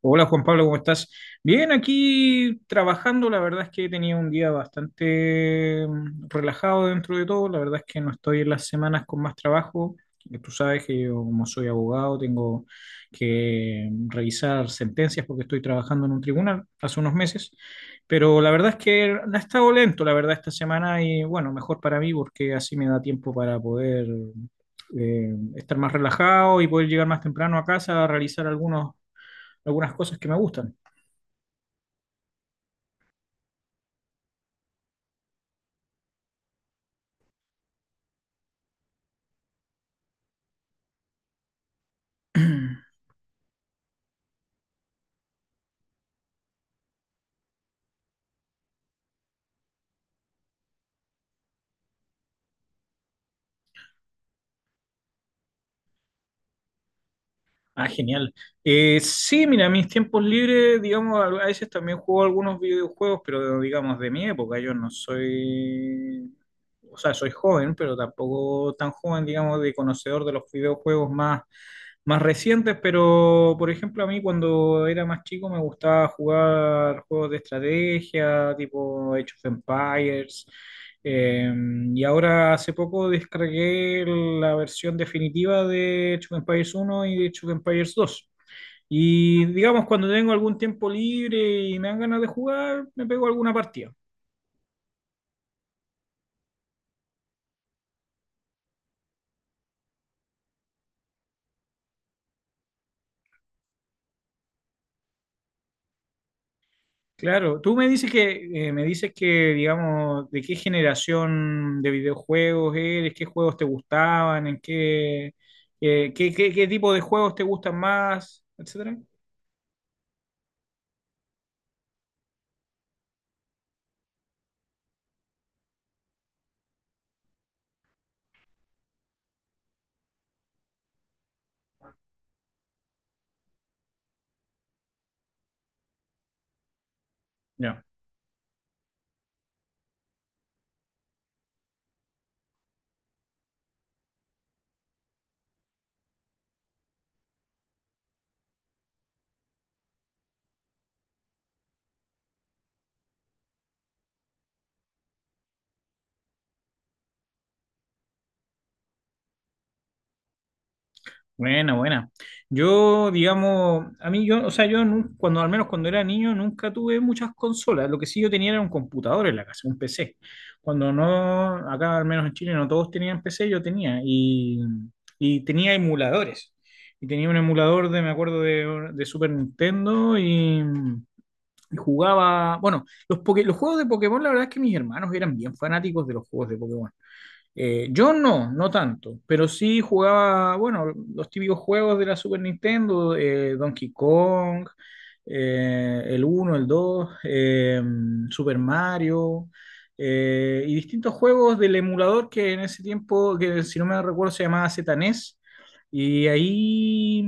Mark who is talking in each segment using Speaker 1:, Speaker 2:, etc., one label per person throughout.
Speaker 1: Hola Juan Pablo, ¿cómo estás? Bien, aquí trabajando, la verdad es que he tenido un día bastante relajado dentro de todo, la verdad es que no estoy en las semanas con más trabajo. Tú sabes que yo como soy abogado tengo que revisar sentencias porque estoy trabajando en un tribunal hace unos meses, pero la verdad es que ha estado lento, la verdad, esta semana y bueno, mejor para mí porque así me da tiempo para poder estar más relajado y poder llegar más temprano a casa a realizar algunos algunas cosas que me gustan. Ah, genial. Sí, mira, mis tiempos libres, digamos, a veces también juego algunos videojuegos, pero digamos de mi época, yo no soy, o sea, soy joven, pero tampoco tan joven, digamos, de conocedor de los videojuegos más recientes, pero por ejemplo, a mí cuando era más chico me gustaba jugar juegos de estrategia, tipo Age of Empires. Eh, y ahora hace poco descargué la versión definitiva de Age of Empires 1 y de Age of Empires 2. Y digamos, cuando tengo algún tiempo libre y me dan ganas de jugar, me pego alguna partida. Claro, tú me dices que, digamos, de qué generación de videojuegos eres, qué juegos te gustaban, en qué, qué tipo de juegos te gustan más, etcétera. Ya. Buena, buena. Yo, digamos, a mí yo, o sea, cuando, al menos cuando era niño, nunca tuve muchas consolas. Lo que sí yo tenía era un computador en la casa, un PC. Cuando no, acá al menos en Chile no todos tenían PC, yo tenía. Y tenía emuladores. Y tenía un emulador de, me acuerdo, de Super Nintendo y jugaba, bueno, los juegos de Pokémon. La verdad es que mis hermanos eran bien fanáticos de los juegos de Pokémon. Yo no, no tanto, pero sí jugaba, bueno, los típicos juegos de la Super Nintendo. Donkey Kong, el uno el dos, Super Mario, y distintos juegos del emulador que en ese tiempo, que si no me recuerdo, se llamaba ZNES, y ahí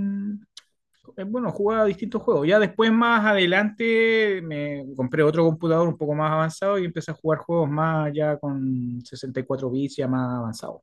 Speaker 1: es bueno, jugaba distintos juegos. Ya después, más adelante, me compré otro computador un poco más avanzado y empecé a jugar juegos más ya con 64 bits, ya más avanzado.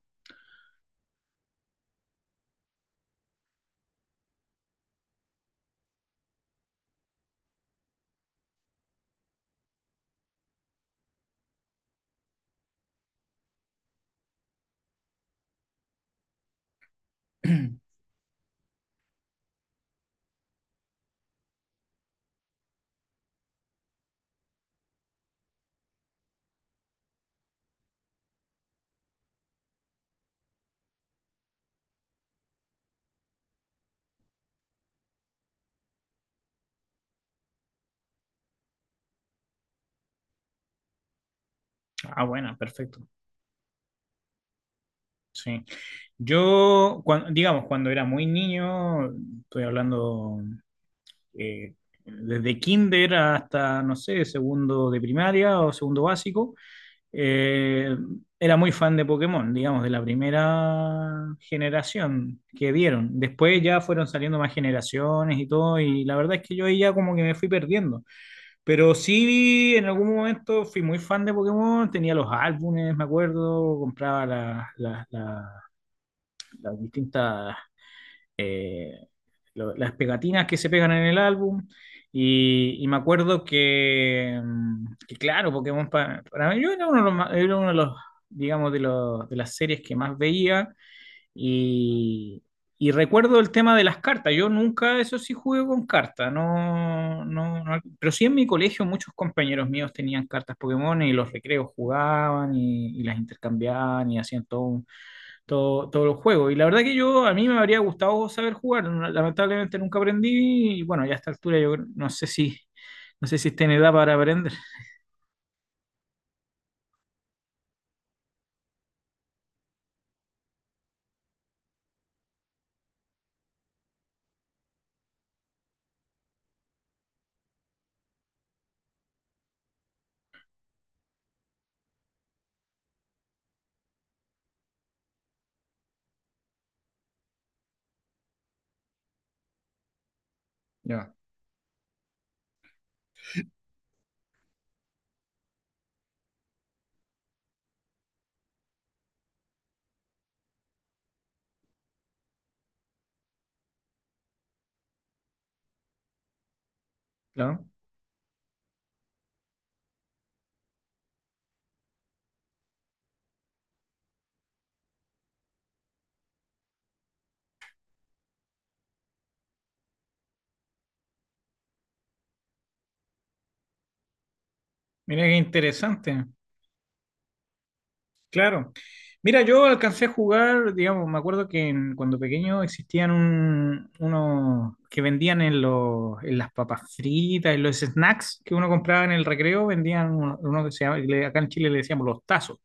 Speaker 1: Ah, bueno, perfecto. Sí. Digamos, cuando era muy niño, estoy hablando, eh, desde kinder hasta, no sé, segundo de primaria o segundo básico. Eh, Era muy fan de Pokémon, digamos, de la primera generación que dieron. Después ya fueron saliendo más generaciones y todo, y la verdad es que yo ahí ya como que me fui perdiendo. Pero sí, en algún momento fui muy fan de Pokémon, tenía los álbumes, me acuerdo, compraba las distintas las pegatinas que se pegan en el álbum. Y me acuerdo que, claro, Pokémon para mí, yo era uno de los, era uno de los, digamos, de las series que más veía. Y, y recuerdo el tema de las cartas. Yo nunca, eso sí, jugué con cartas. No, pero sí en mi colegio muchos compañeros míos tenían cartas Pokémon y los recreos jugaban y las intercambiaban y hacían todo, todos los juegos. Y la verdad que yo, a mí me habría gustado saber jugar, lamentablemente nunca aprendí y bueno, ya a esta altura yo creo, no sé si, no sé si está en edad para aprender. Ya. Claro. Mira qué interesante. Claro. Mira, yo alcancé a jugar, digamos, me acuerdo que cuando pequeño existían unos que vendían en, los, en las papas fritas, en los snacks que uno compraba en el recreo, vendían uno, uno que se llama, acá en Chile le decíamos los tazos,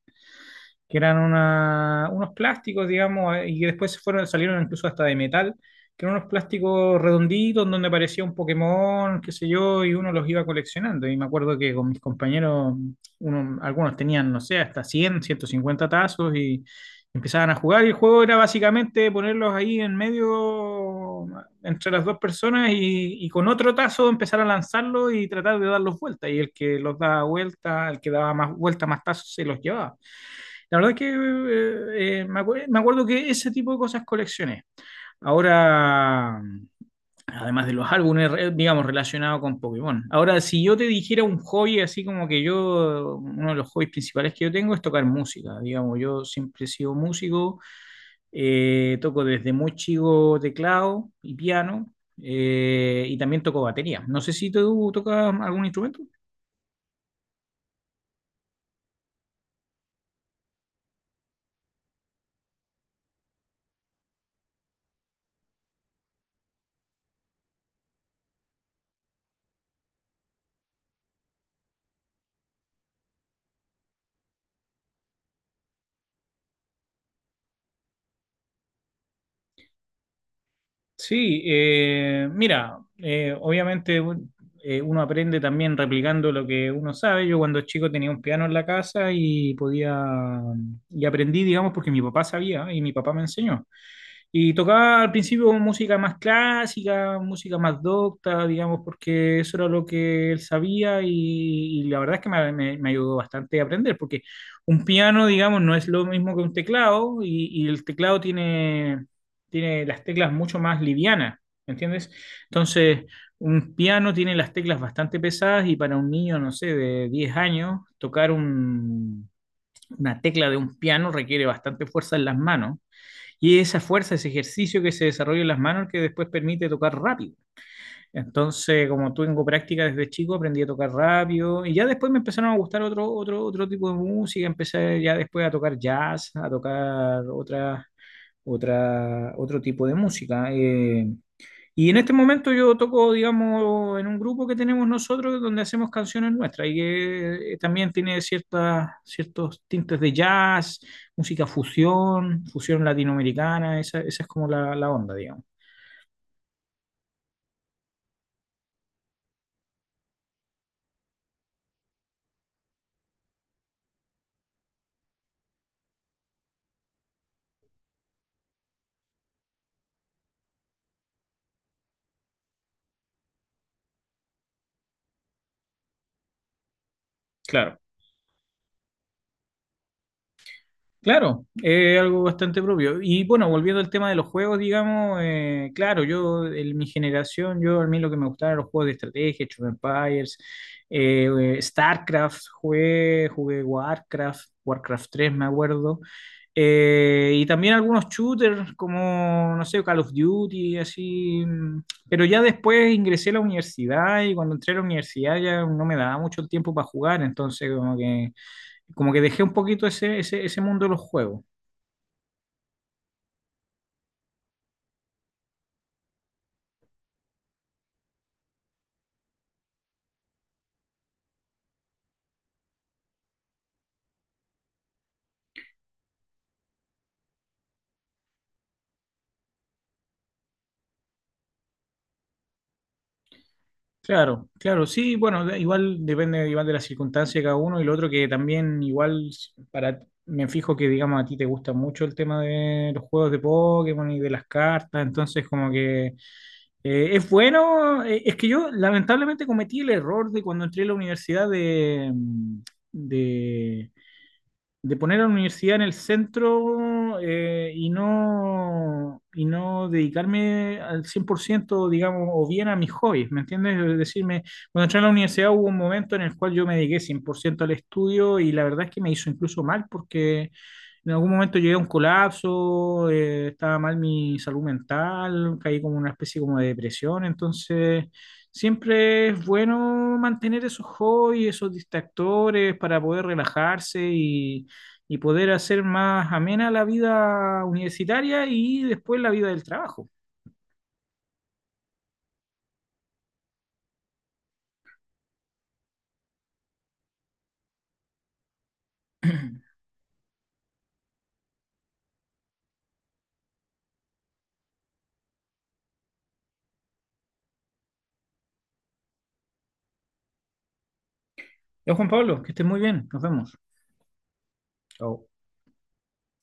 Speaker 1: que eran unos plásticos, digamos, y que después se fueron, salieron incluso hasta de metal, que eran unos plásticos redonditos donde aparecía un Pokémon, qué sé yo, y uno los iba coleccionando. Y me acuerdo que con mis compañeros, algunos tenían, no sé, hasta 100, 150 tazos y empezaban a jugar. Y el juego era básicamente ponerlos ahí en medio, entre las dos personas, y con otro tazo empezar a lanzarlo y tratar de darlos vuelta. Y el que los daba vuelta, el que daba más vuelta, más tazos, se los llevaba. La verdad que me acuerdo que ese tipo de cosas coleccioné. Ahora, además de los álbumes, digamos, relacionados con Pokémon. Ahora, si yo te dijera un hobby, así como que yo, uno de los hobbies principales que yo tengo es tocar música. Digamos, yo siempre he sido músico, toco desde muy chico teclado y piano, y también toco batería. No sé si tú tocas algún instrumento. Sí, mira, obviamente uno aprende también replicando lo que uno sabe. Yo cuando chico tenía un piano en la casa y podía, y aprendí, digamos, porque mi papá sabía y mi papá me enseñó. Y tocaba al principio música más clásica, música más docta, digamos, porque eso era lo que él sabía y la verdad es que me ayudó bastante a aprender, porque un piano, digamos, no es lo mismo que un teclado y el teclado tiene las teclas mucho más livianas, ¿entiendes? Entonces, un piano tiene las teclas bastante pesadas y para un niño, no sé, de 10 años, tocar una tecla de un piano requiere bastante fuerza en las manos y esa fuerza, ese ejercicio que se desarrolla en las manos que después permite tocar rápido. Entonces, como tengo práctica desde chico, aprendí a tocar rápido y ya después me empezaron a gustar otro tipo de música, empecé ya después a tocar jazz, a tocar otro tipo de música. Y en este momento yo toco, digamos, en un grupo que tenemos nosotros donde hacemos canciones nuestras y que también tiene ciertos tintes de jazz, música fusión, fusión latinoamericana. Esa es como la onda, digamos. Claro. Claro, es algo bastante propio. Y bueno, volviendo al tema de los juegos, digamos, claro, yo, en mi generación, yo a mí lo que me gustaban eran los juegos de estrategia, Age of Empires, eh, StarCraft, jugué Warcraft, Warcraft 3, me acuerdo. Y también algunos shooters como, no sé, Call of Duty, así. Pero ya después ingresé a la universidad y cuando entré a la universidad ya no me daba mucho el tiempo para jugar, entonces como que dejé un poquito ese mundo de los juegos. Claro, claro, sí, bueno, igual depende igual de las circunstancias de cada uno y lo otro que también igual para, me fijo que digamos a ti te gusta mucho el tema de los juegos de Pokémon y de las cartas, entonces como que es bueno, es que yo lamentablemente cometí el error de cuando entré a la universidad de, mm, de de poner a la universidad en el centro, y no dedicarme al 100 por ciento digamos, o bien a mis hobbies, ¿me entiendes? Es decirme, cuando entré a la universidad hubo un momento en el cual yo me dediqué 100 por ciento al estudio y la verdad es que me hizo incluso mal porque en algún momento llegué a un colapso. Estaba mal mi salud mental, caí como en una especie como de depresión, entonces... Siempre es bueno mantener esos hobbies, esos distractores para poder relajarse y poder hacer más amena la vida universitaria y después la vida del trabajo. Yo, Juan Pablo, que estés muy bien. Nos vemos. Chao.